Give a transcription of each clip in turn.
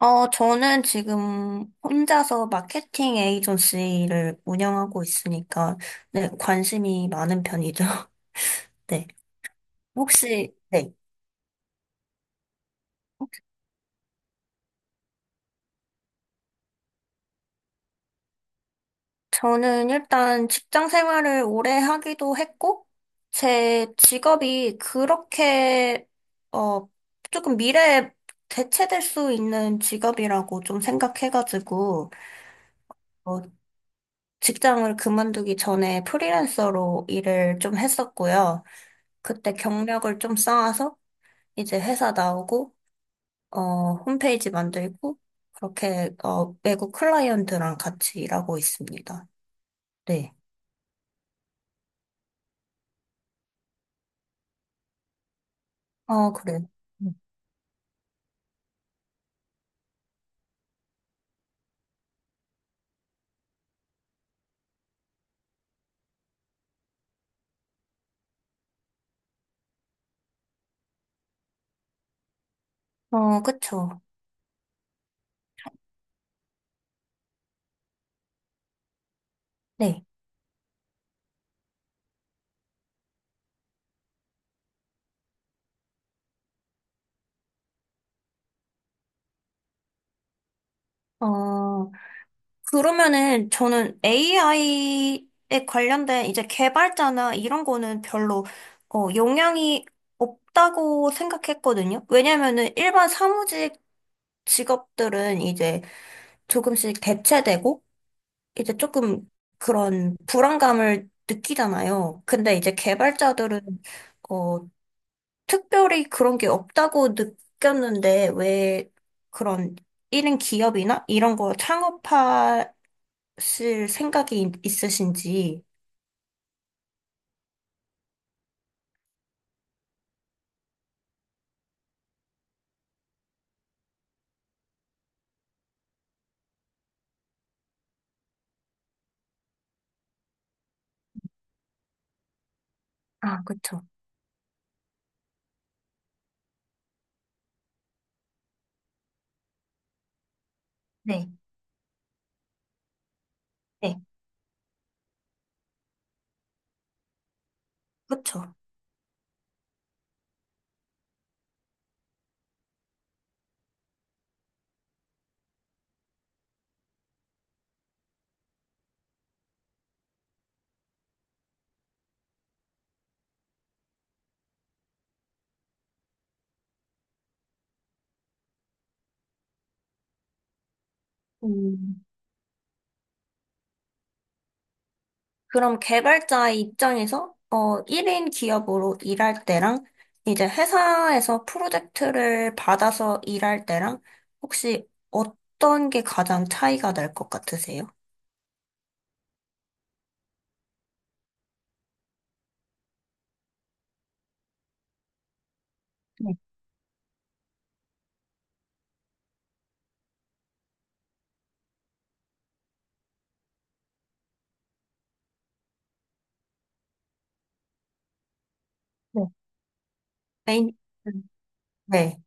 저는 지금 혼자서 마케팅 에이전시를 운영하고 있으니까, 네, 관심이 많은 편이죠. 네. 혹시, 네. 저는 일단 직장 생활을 오래 하기도 했고, 제 직업이 그렇게, 어, 조금 미래에 대체될 수 있는 직업이라고 좀 생각해가지고, 어, 직장을 그만두기 전에 프리랜서로 일을 좀 했었고요. 그때 경력을 좀 쌓아서 이제 회사 나오고, 어, 홈페이지 만들고, 그렇게, 외국 클라이언트랑 같이 일하고 있습니다. 네. 어, 그래. 음. 어, 그쵸. 네. 어, 그러면은 저는 AI에 관련된 이제 개발자나 이런 거는 별로, 영향이 없다고 생각했거든요. 왜냐면은 일반 사무직 직업들은 이제 조금씩 대체되고, 이제 조금 그런 불안감을 느끼잖아요. 근데 이제 개발자들은 어, 특별히 그런 게 없다고 느꼈는데 왜 그런 이인 기업이나 이런 거 창업하실 있으신지. 아, 그쵸. 네. 네, 그쵸. 음. 그럼 개발자 입장에서 1인 기업으로 일할 때랑 이제 회사에서 프로젝트를 받아서 일할 때랑 혹시 어떤 게 가장 차이가 날 것 같으세요? 네, 네. 메인 음, 네,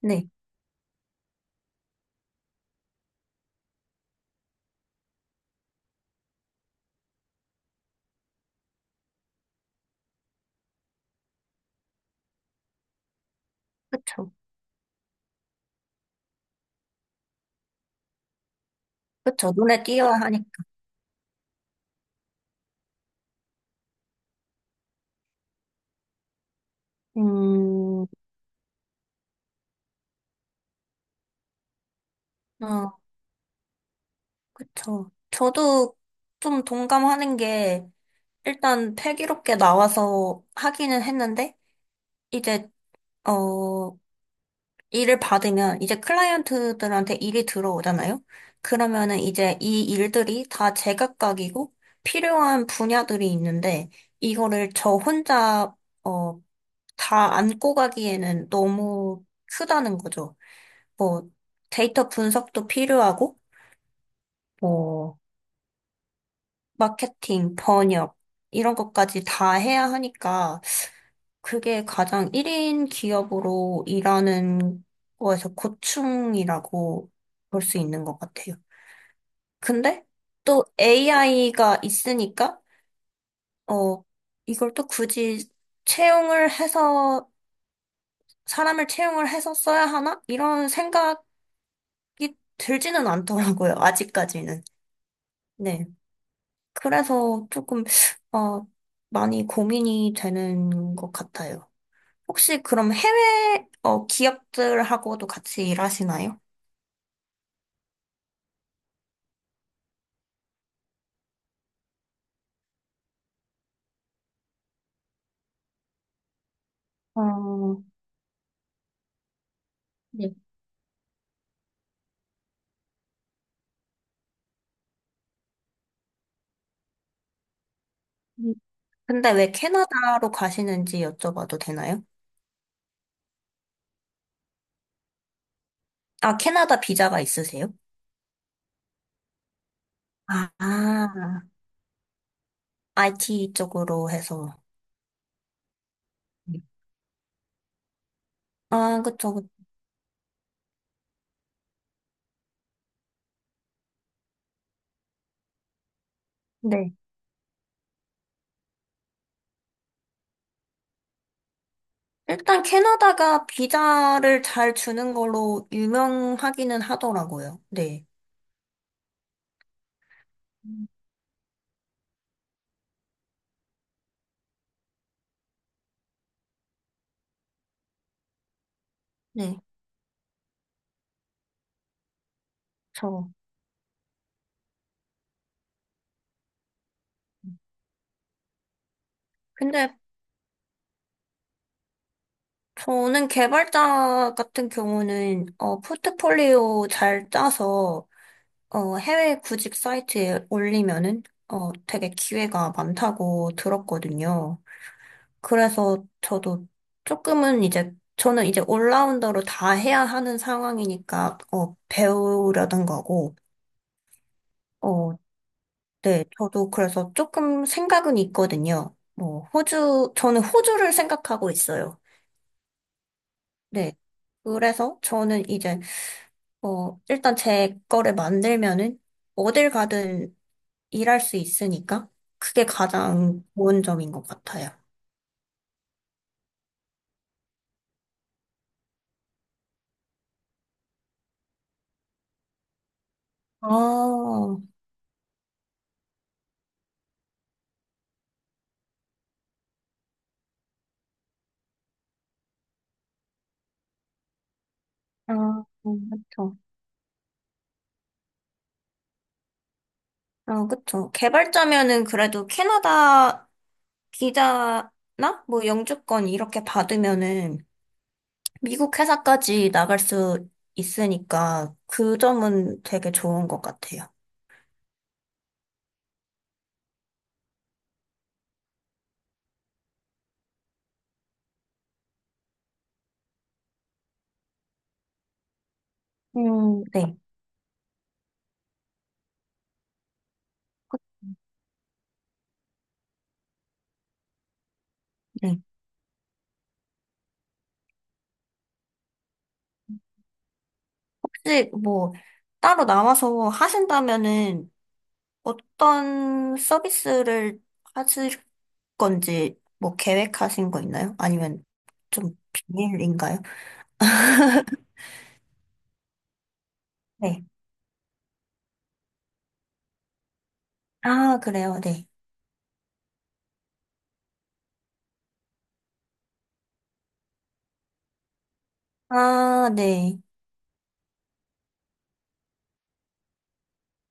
네, 그쵸, 그쵸. 눈에 띄어야 하니까. 음, 아, 그쵸. 저도 좀 동감하는 게 일단 패기롭게 나와서 하기는 했는데 이제 어 일을 받으면 이제 클라이언트들한테 일이 들어오잖아요. 그러면은 이제 이 일들이 다 제각각이고 필요한 분야들이 있는데 이거를 저 혼자 어, 다 안고 가기에는 너무 크다는 거죠. 뭐 데이터 분석도 필요하고 뭐 마케팅, 번역, 이런 것까지 다 해야 하니까 그게 가장 1인 기업으로 일하는 거에서 고충이라고 볼 수 있는 것 같아요. 근데 또 AI가 있으니까, 어, 이걸 또 굳이 채용을 해서, 사람을 채용을 해서 써야 하나? 이런 생각이 들지는 않더라고요, 아직까지는. 네. 그래서 조금, 어, 많이 고민이 되는 것 같아요. 혹시 그럼 해외, 기업들하고도 같이 일하시나요? 어, 네. 음, 근데 왜 캐나다로 가시는지 여쭤봐도 되나요? 아, 캐나다 비자가 있으세요? 아, 아, IT 쪽으로 해서. 네. 아, 그쵸, 그쵸. 네. 일단 캐나다가 비자를 잘 주는 걸로 유명하기는 하더라고요. 네. 음, 네. 저. 음. 근데 저는 개발자 같은 경우는 어, 포트폴리오 잘 짜서 해외 구직 사이트에 올리면은 되게 기회가 많다고 들었거든요. 그래서 저도 조금은 이제 저는 이제 올라운더로 다 해야 하는 상황이니까 어, 배우려던 거고 어, 네, 저도 그래서 조금 생각은 있거든요. 뭐 호주 저는 호주를 생각하고 있어요. 네. 그래서 저는 이제 일단 제 거를 만들면은 어딜 가든 일할 수 있으니까 그게 가장 좋은 점인 것 같아요. 아, 아, 그쵸. 아, 그쵸. 개발자면은 그래도 캐나다 비자나 뭐 영주권 이렇게 받으면은 미국 회사까지 나갈 수 있으니까 그 점은 되게 좋은 것 같아요. 네. 네. 혹시 뭐 따로 나와서 하신다면은 어떤 서비스를 하실 건지 뭐 계획하신 거 있나요? 아니면 좀 비밀인가요? 네. 아, 그래요. 네. 아, 네.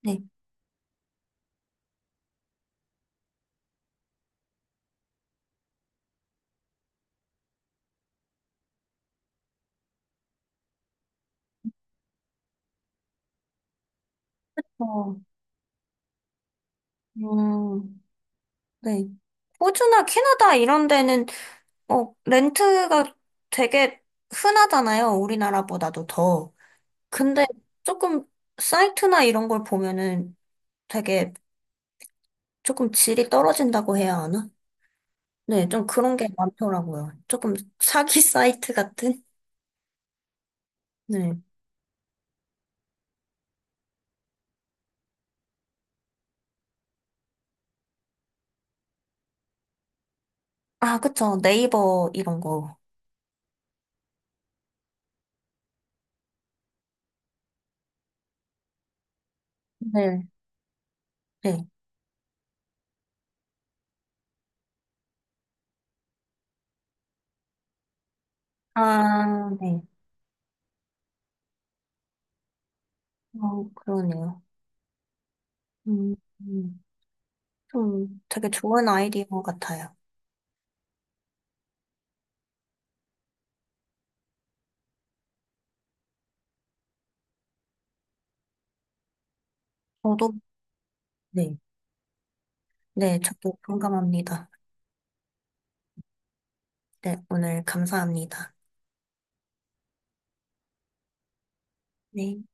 네. 어, 음, 네. 호주나 캐나다 이런 데는 렌트가 되게 흔하잖아요. 우리나라보다도 더. 근데 조금 사이트나 이런 걸 보면은 되게 조금 질이 떨어진다고 해야 하나? 네, 좀 그런 게 많더라고요. 조금 사기 사이트 같은? 네. 아, 그쵸. 네이버 이런 거. 네, 네. 아, 네. 어, 그러네요. 음, 음. 좀 되게 좋은 아이디어 같아요. 저도, 네. 네, 저도 공감합니다. 네, 오늘 감사합니다. 네.